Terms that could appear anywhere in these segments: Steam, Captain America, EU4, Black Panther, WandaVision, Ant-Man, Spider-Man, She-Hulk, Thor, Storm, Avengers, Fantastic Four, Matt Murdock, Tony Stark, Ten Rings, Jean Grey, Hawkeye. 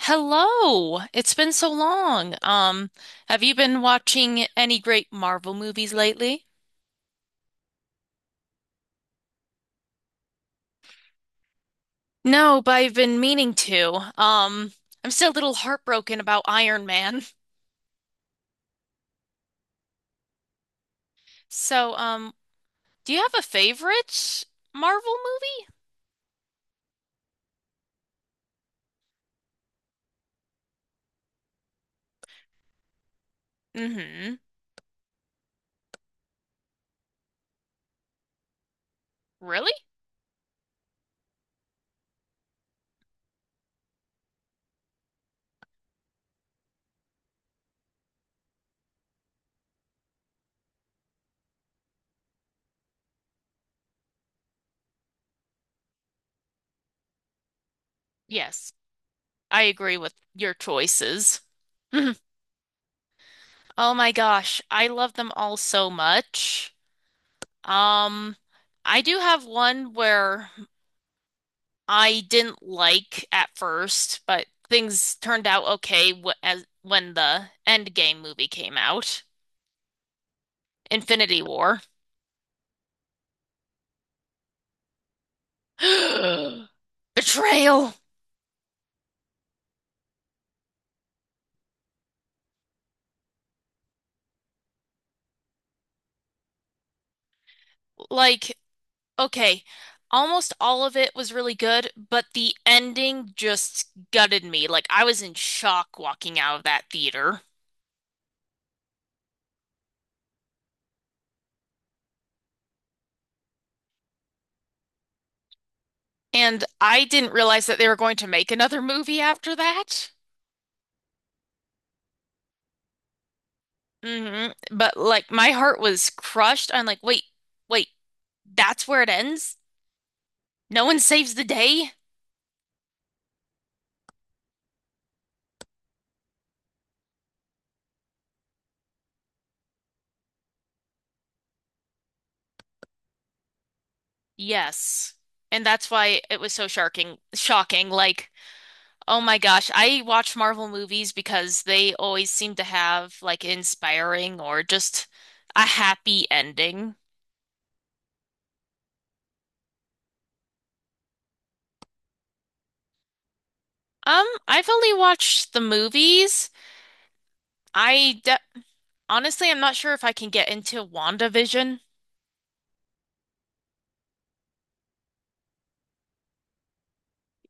Hello. It's been so long. Have you been watching any great Marvel movies lately? No, but I've been meaning to. Um, I'm still a little heartbroken about Iron Man. So, do you have a favorite Marvel movie? Mm-hmm. Really? Yes. I agree with your choices. Mhm. Oh my gosh, I love them all so much. Um, I do have one where I didn't like at first, but things turned out okay wh as when the Endgame movie came out. Infinity War. Betrayal. Like, okay, almost all of it was really good, but the ending just gutted me. Like, I was in shock walking out of that theater. And I didn't realize that they were going to make another movie after that. But like, my heart was crushed. I'm like, wait, that's where it ends? No one saves the day? Yes. And that's why it was so shocking. Like, oh my gosh, I watch Marvel movies because they always seem to have like inspiring or just a happy ending. I've only watched the movies. I de Honestly, I'm not sure if I can get into WandaVision.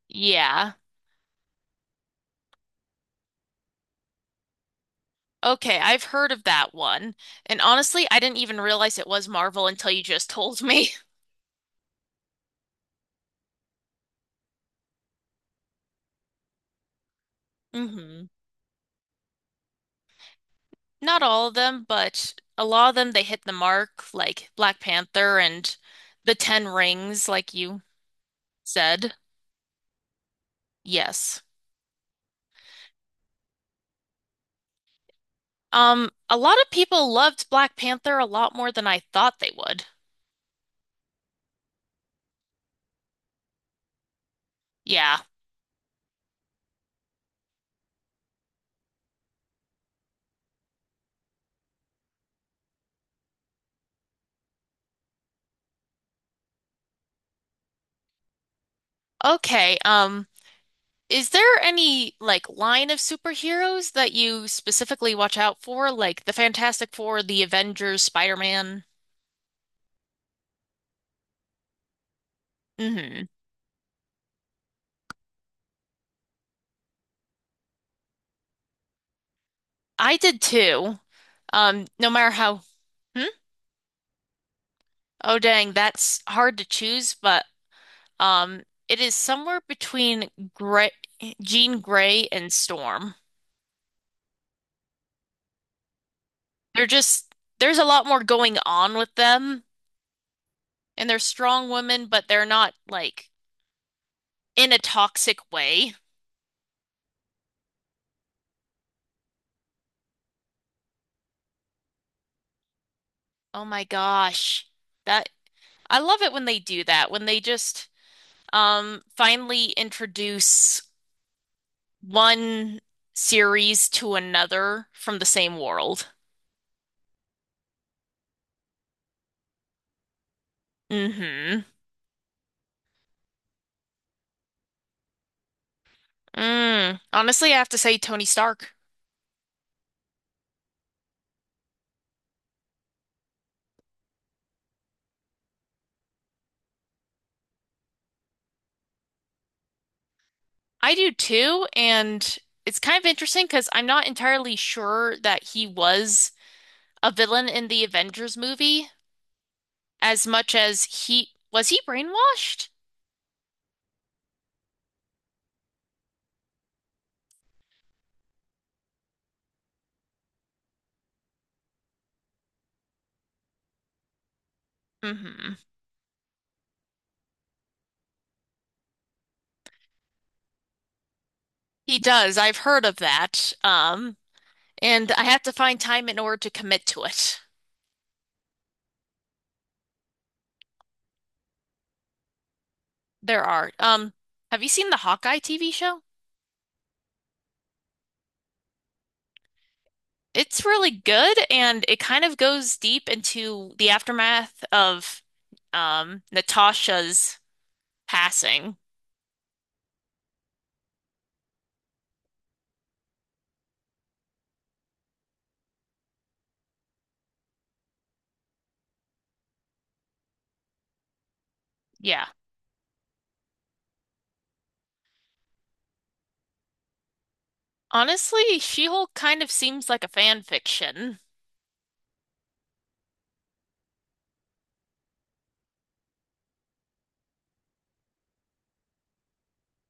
Yeah. Okay, I've heard of that one. And honestly, I didn't even realize it was Marvel until you just told me. hmm Not all of them, but a lot of them they hit the mark, like Black Panther and the Ten Rings, like you said. Yes. A lot of people loved Black Panther a lot more than I thought they would. Yeah. Okay. Is there any like line of superheroes that you specifically watch out for, like the Fantastic Four, the Avengers, Spider-Man? Mm-hmm. I did too. No matter how. Hmm? Oh, dang, that's hard to choose, but Um, it is somewhere between Gray, Jean Grey and Storm. They're just there's a lot more going on with them, and they're strong women, but they're not like in a toxic way. Oh my gosh. That I love it when they do that, when they just finally introduce one series to another from the same world. Mm-hmm. Mm. Honestly, I have to say Tony Stark. I do too, and it's kind of interesting because I'm not entirely sure that he was a villain in the Avengers movie as much as he brainwashed? hmm He does. I've heard of that. And I have to find time in order to commit to it. There are. Have you seen the Hawkeye TV show? It's really good, and it kind of goes deep into the aftermath of Natasha's passing. Yeah. Honestly, She-Hulk kind of seems like a fan fiction.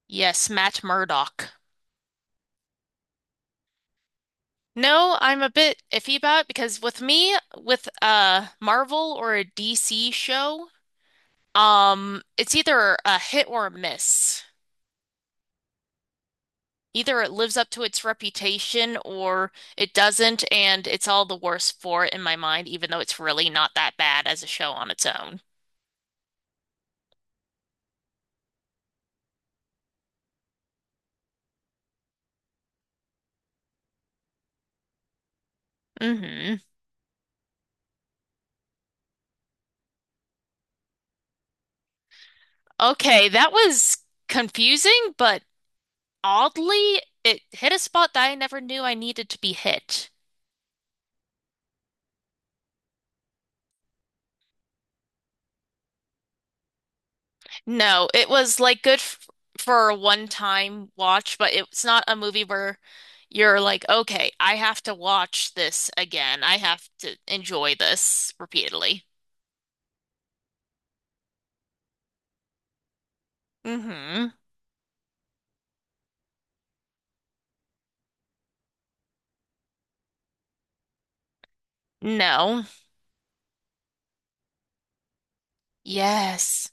Yes, Matt Murdock. No, I'm a bit iffy about it because with me, with a Marvel or a DC show, it's either a hit or a miss. Either it lives up to its reputation or it doesn't, and it's all the worse for it in my mind, even though it's really not that bad as a show on its own. hmm Okay, that was confusing, but oddly, it hit a spot that I never knew I needed to be hit. No, it was like good f for a one-time watch, but it's not a movie where you're like, okay, I have to watch this again. I have to enjoy this repeatedly. Mm-hmm. No. Yes.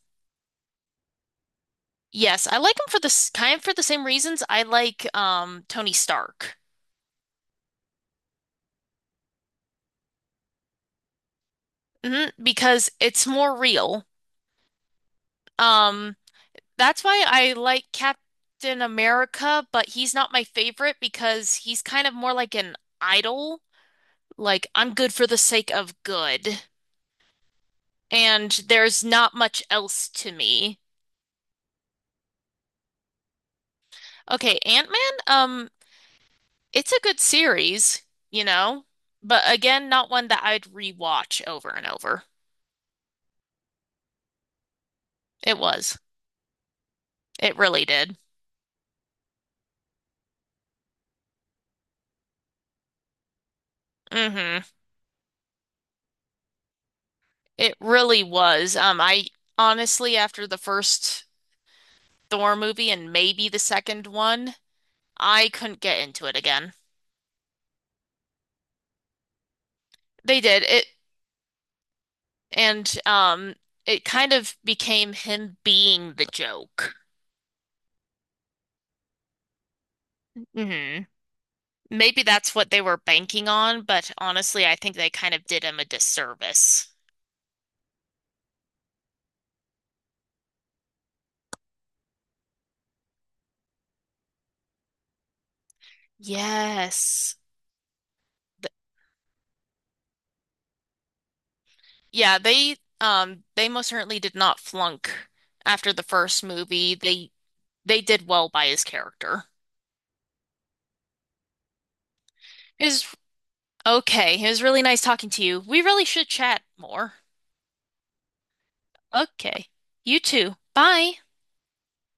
Yes, I like him for this kind of for the same reasons I like Tony Stark. Because it's more real. Um That's why I like Captain America, but he's not my favorite because he's kind of more like an idol. Like, I'm good for the sake of good, and there's not much else to me. Okay, Ant-Man, it's a good series, you know, but again, not one that I'd rewatch over and over. It was. It really did. hmm It really was. I Honestly, after the first Thor movie and maybe the second one, I couldn't get into it again. They did it, and it kind of became him being the joke. hmm Maybe that's what they were banking on, but honestly, I think they kind of did him a disservice. Yes. Th- yeah, they most certainly did not flunk after the first movie. They did well by his character. It was okay. It was really nice talking to you. We really should chat more. Okay. You too. Bye.